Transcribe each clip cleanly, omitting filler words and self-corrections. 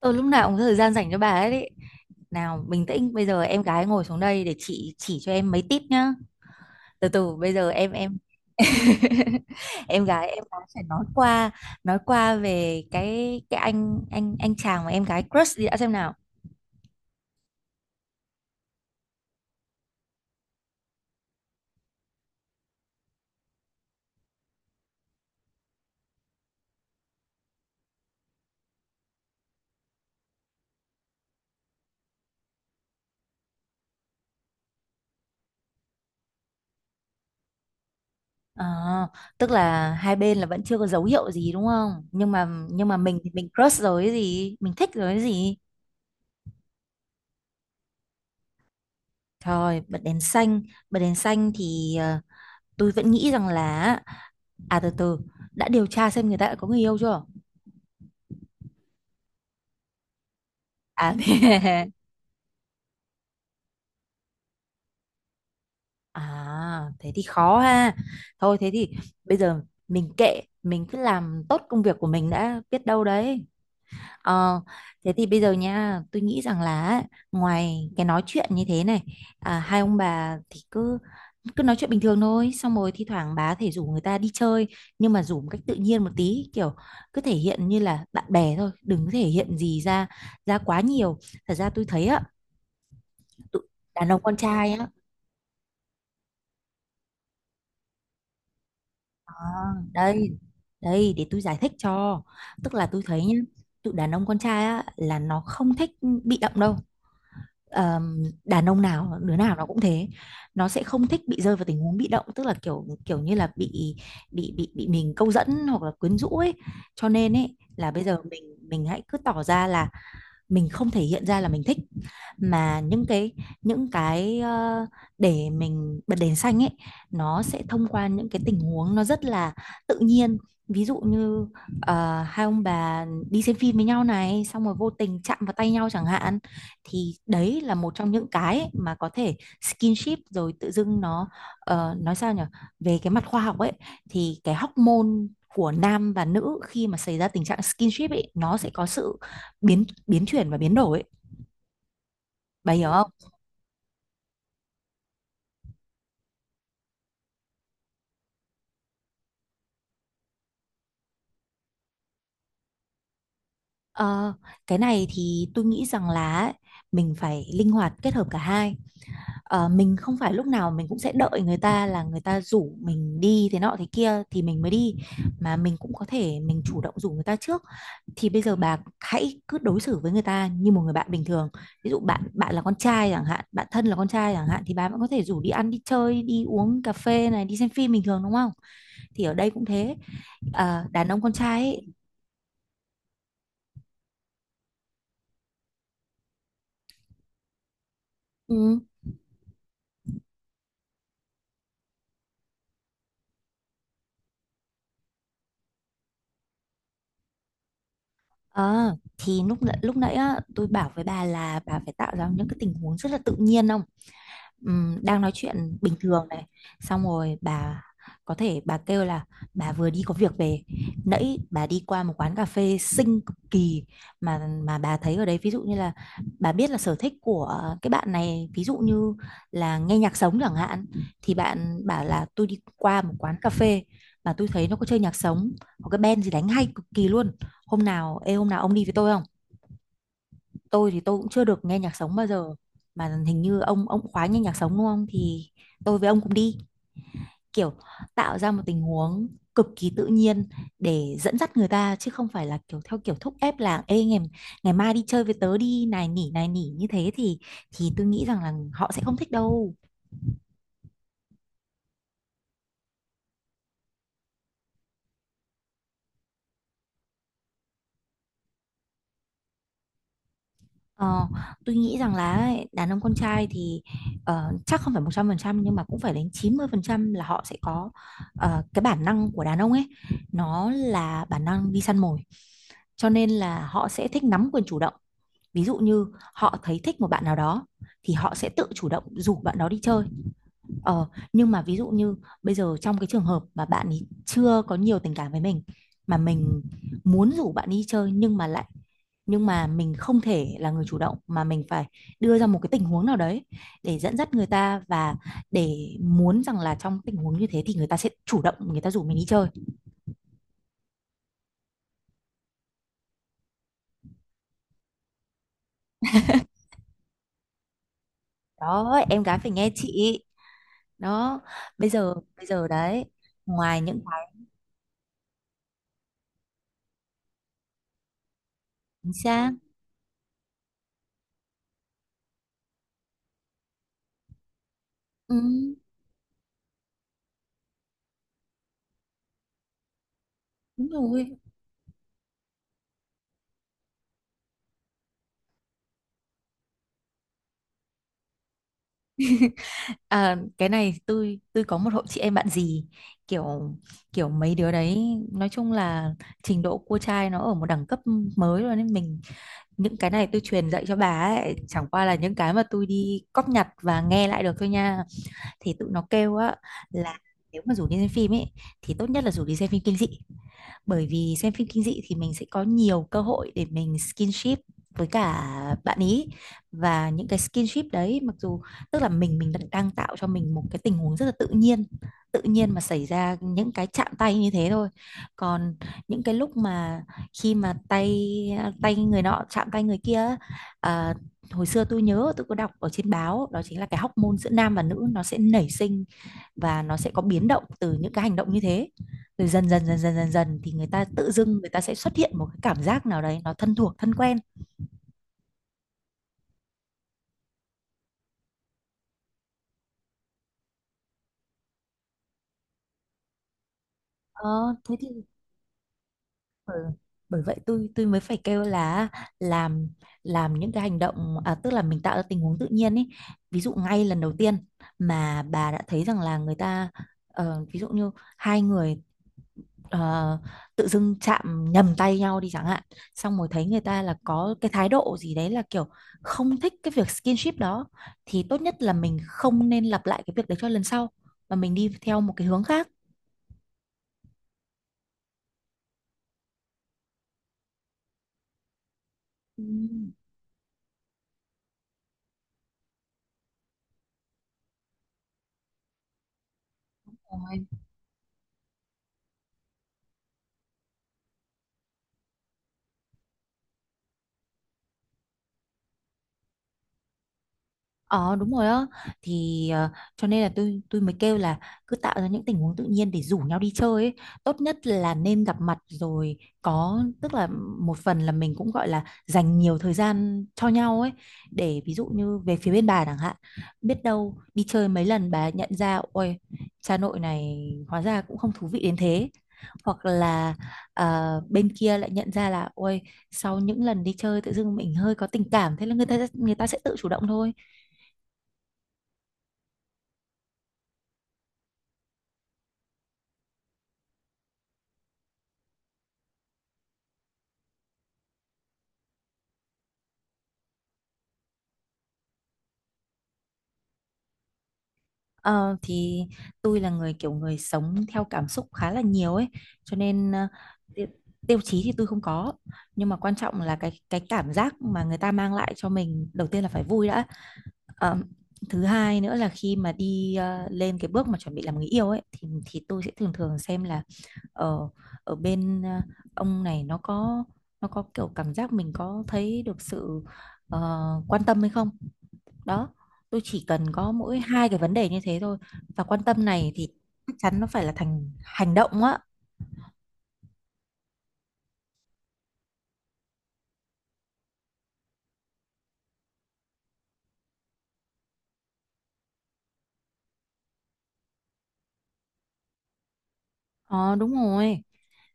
Tôi lúc nào cũng có thời gian dành cho bà ấy đấy. Nào, bình tĩnh, bây giờ em gái ngồi xuống đây để chị chỉ cho em mấy tip nhá. Từ từ, bây giờ em em gái phải nói qua về cái anh chàng mà em gái crush đi đã xem nào. Ờ, tức là hai bên là vẫn chưa có dấu hiệu gì đúng không? Nhưng mà mình thì mình crush rồi cái gì, mình thích rồi cái gì. Thôi bật đèn xanh thì tôi vẫn nghĩ rằng là. À từ từ, đã điều tra xem người ta đã có người yêu chưa? À, à thế thì khó ha. Thôi thế thì bây giờ mình kệ, mình cứ làm tốt công việc của mình đã biết đâu đấy. Ờ, thế thì bây giờ nha, tôi nghĩ rằng là á, ngoài cái nói chuyện như thế này, hai ông bà thì cứ cứ nói chuyện bình thường thôi, xong rồi thi thoảng bà có thể rủ người ta đi chơi, nhưng mà rủ một cách tự nhiên một tí, kiểu cứ thể hiện như là bạn bè thôi, đừng có thể hiện gì ra ra quá nhiều. Thật ra tôi thấy á tụi- đàn ông con trai á, à, đây đây để tôi giải thích cho. Tức là tôi thấy nhá, tụi đàn ông con trai á là nó không thích bị động đâu. Đàn ông nào đứa nào nó cũng thế. Nó sẽ không thích bị rơi vào tình huống bị động, tức là kiểu kiểu như là bị mình câu dẫn hoặc là quyến rũ ấy. Cho nên ấy là bây giờ mình hãy cứ tỏ ra là mình không thể hiện ra là mình thích, mà những cái để mình bật đèn xanh ấy, nó sẽ thông qua những cái tình huống nó rất là tự nhiên. Ví dụ như hai ông bà đi xem phim với nhau này, xong rồi vô tình chạm vào tay nhau chẳng hạn thì đấy là một trong những cái ấy mà có thể skinship, rồi tự dưng nó nói sao nhỉ, về cái mặt khoa học ấy thì cái hormone của nam và nữ khi mà xảy ra tình trạng skinship ấy, nó sẽ có sự biến biến chuyển và biến đổi. Bà hiểu không? Ờ, cái này thì tôi nghĩ rằng là ấy, mình phải linh hoạt kết hợp cả hai. Ờ, mình không phải lúc nào mình cũng sẽ đợi người ta là người ta rủ mình đi thế nọ thế kia thì mình mới đi, mà mình cũng có thể mình chủ động rủ người ta trước. Thì bây giờ bà hãy cứ đối xử với người ta như một người bạn bình thường, ví dụ bạn bạn là con trai chẳng hạn, bạn thân là con trai chẳng hạn thì bà vẫn có thể rủ đi ăn đi chơi đi uống cà phê này đi xem phim bình thường đúng không? Thì ở đây cũng thế. Ờ, đàn ông con trai ấy, ừ. Ờ, thì lúc nãy á, tôi bảo với bà là bà phải tạo ra những cái tình huống rất là tự nhiên. Đang nói chuyện bình thường này, xong rồi bà có thể bà kêu là bà vừa đi có việc về, nãy bà đi qua một quán cà phê xinh cực kỳ mà bà thấy ở đấy, ví dụ như là bà biết là sở thích của cái bạn này, ví dụ như là nghe nhạc sống chẳng hạn, thì bạn bảo là tôi đi qua một quán cà phê mà tôi thấy nó có chơi nhạc sống, có cái band gì đánh hay cực kỳ luôn. Hôm nào ê hôm nào ông đi với tôi không? Tôi thì tôi cũng chưa được nghe nhạc sống bao giờ mà hình như ông khoái nghe nhạc sống đúng không, thì tôi với ông cũng đi. Kiểu tạo ra một tình huống cực kỳ tự nhiên để dẫn dắt người ta chứ không phải là kiểu theo kiểu thúc ép là ê ngày ngày mai đi chơi với tớ đi này nỉ như thế thì tôi nghĩ rằng là họ sẽ không thích đâu. Ờ, tôi nghĩ rằng là ấy, đàn ông con trai thì chắc không phải 100% nhưng mà cũng phải đến 90% là họ sẽ có, cái bản năng của đàn ông ấy, nó là bản năng đi săn mồi, cho nên là họ sẽ thích nắm quyền chủ động. Ví dụ như họ thấy thích một bạn nào đó thì họ sẽ tự chủ động rủ bạn đó đi chơi. Nhưng mà ví dụ như bây giờ trong cái trường hợp mà bạn ấy chưa có nhiều tình cảm với mình mà mình muốn rủ bạn đi chơi nhưng mà mình không thể là người chủ động mà mình phải đưa ra một cái tình huống nào đấy để dẫn dắt người ta, và để muốn rằng là trong tình huống như thế thì người ta sẽ chủ động người ta rủ mình đi chơi. Đó, em gái phải nghe chị. Đó, bây giờ đấy, ngoài những cái... chính xác. Ừ, đúng rồi. À, cái này tôi có một hội chị em bạn gì, kiểu kiểu mấy đứa đấy nói chung là trình độ cua trai nó ở một đẳng cấp mới rồi nên mình, những cái này tôi truyền dạy cho bà ấy chẳng qua là những cái mà tôi đi cóp nhặt và nghe lại được thôi nha, thì tụi nó kêu á là nếu mà rủ đi xem phim ấy thì tốt nhất là rủ đi xem phim kinh dị, bởi vì xem phim kinh dị thì mình sẽ có nhiều cơ hội để mình skinship với cả bạn ý, và những cái skinship đấy mặc dù tức là mình đang tạo cho mình một cái tình huống rất là tự nhiên, tự nhiên mà xảy ra những cái chạm tay như thế thôi. Còn những cái lúc mà khi mà tay tay người nọ chạm tay người kia, à, hồi xưa tôi nhớ tôi có đọc ở trên báo đó chính là cái hormone giữa nam và nữ nó sẽ nảy sinh và nó sẽ có biến động từ những cái hành động như thế. Rồi dần dần dần dần dần dần thì người ta tự dưng người ta sẽ xuất hiện một cái cảm giác nào đấy nó thân thuộc thân quen. Ờ, thế thì bởi, bởi vậy tôi mới phải kêu là làm làm những cái hành động, à, tức là mình tạo ra tình huống tự nhiên ấy. Ví dụ ngay lần đầu tiên mà bà đã thấy rằng là người ta, ví dụ như hai người, ờ, tự dưng chạm nhầm tay nhau đi chẳng hạn, xong rồi thấy người ta là có cái thái độ gì đấy là kiểu không thích cái việc skinship đó thì tốt nhất là mình không nên lặp lại cái việc đấy cho lần sau, mà mình đi theo một cái hướng khác. Ừ, Ờ đúng rồi á thì cho nên là tôi mới kêu là cứ tạo ra những tình huống tự nhiên để rủ nhau đi chơi ấy. Tốt nhất là nên gặp mặt rồi có tức là một phần là mình cũng gọi là dành nhiều thời gian cho nhau ấy, để ví dụ như về phía bên bà chẳng hạn, biết đâu đi chơi mấy lần bà nhận ra ôi cha nội này hóa ra cũng không thú vị đến thế, hoặc là bên kia lại nhận ra là ôi sau những lần đi chơi tự dưng mình hơi có tình cảm, thế là người ta sẽ tự chủ động thôi. Ờ, thì tôi là người kiểu người sống theo cảm xúc khá là nhiều ấy cho nên ti- tiêu chí thì tôi không có nhưng mà quan trọng là cái cảm giác mà người ta mang lại cho mình đầu tiên là phải vui đã. Ờ, thứ hai nữa là khi mà đi lên cái bước mà chuẩn bị làm người yêu ấy thì tôi sẽ thường thường xem là ở ở bên ông này nó có kiểu cảm giác mình có thấy được sự ờ, quan tâm hay không. Đó, tôi chỉ cần có mỗi hai cái vấn đề như thế thôi và quan tâm này thì chắc chắn nó phải là thành hành động á. Ờ, đúng rồi.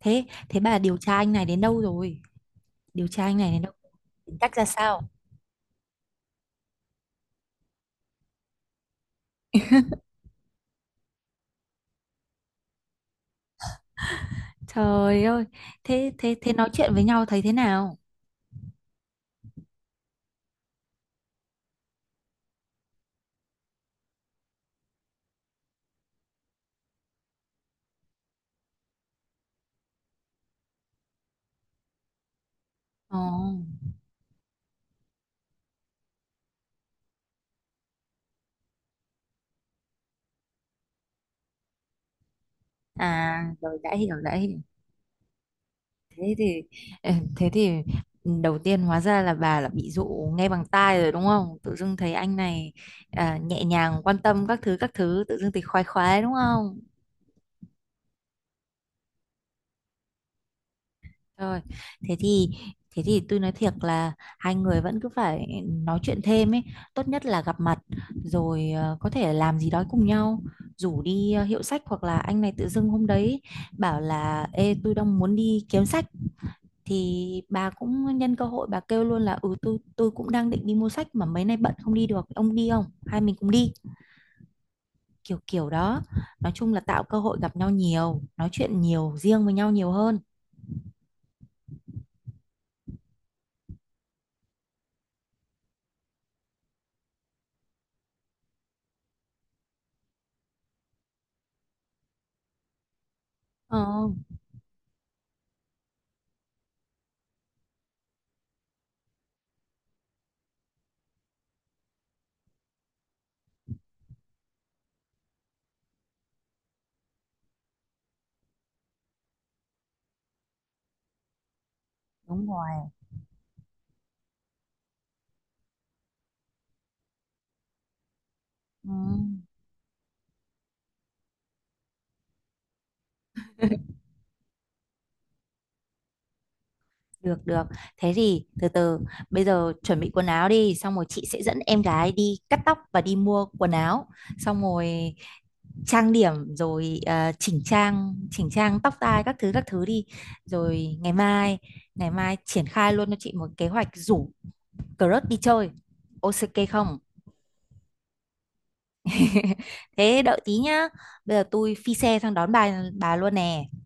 Thế thế bà điều tra anh này đến đâu rồi? Điều tra anh này đến đâu, tính cách ra sao? Trời ơi! Thế thế thế nói chuyện với nhau thấy thế nào? Ồ, à rồi, đã hiểu. Thế thì ừ, thế thì đầu tiên hóa ra là bà là bị dụ nghe bằng tai rồi đúng không, tự dưng thấy anh này à, nhẹ nhàng quan tâm các thứ các thứ, tự dưng thì khoái khoái đúng không? Rồi, thế thì thế thì tôi nói thiệt là hai người vẫn cứ phải nói chuyện thêm ấy, tốt nhất là gặp mặt rồi có thể làm gì đó cùng nhau, rủ đi hiệu sách hoặc là anh này tự dưng hôm đấy bảo là ê tôi đang muốn đi kiếm sách thì bà cũng nhân cơ hội bà kêu luôn là ừ tôi cũng đang định đi mua sách mà mấy nay bận không đi được, ông đi không? Hai mình cùng đi, kiểu kiểu đó. Nói chung là tạo cơ hội gặp nhau nhiều, nói chuyện nhiều, riêng với nhau nhiều hơn. Ờ, đúng rồi. Ừ. Được được. Thế thì từ từ bây giờ chuẩn bị quần áo đi, xong rồi chị sẽ dẫn em gái đi cắt tóc và đi mua quần áo, xong rồi trang điểm rồi chỉnh trang tóc tai các thứ đi. Rồi ngày mai triển khai luôn cho chị một kế hoạch rủ crush đi chơi. Ok không? Thế đợi tí nhá. Bây giờ tôi phi xe sang đón bà luôn nè.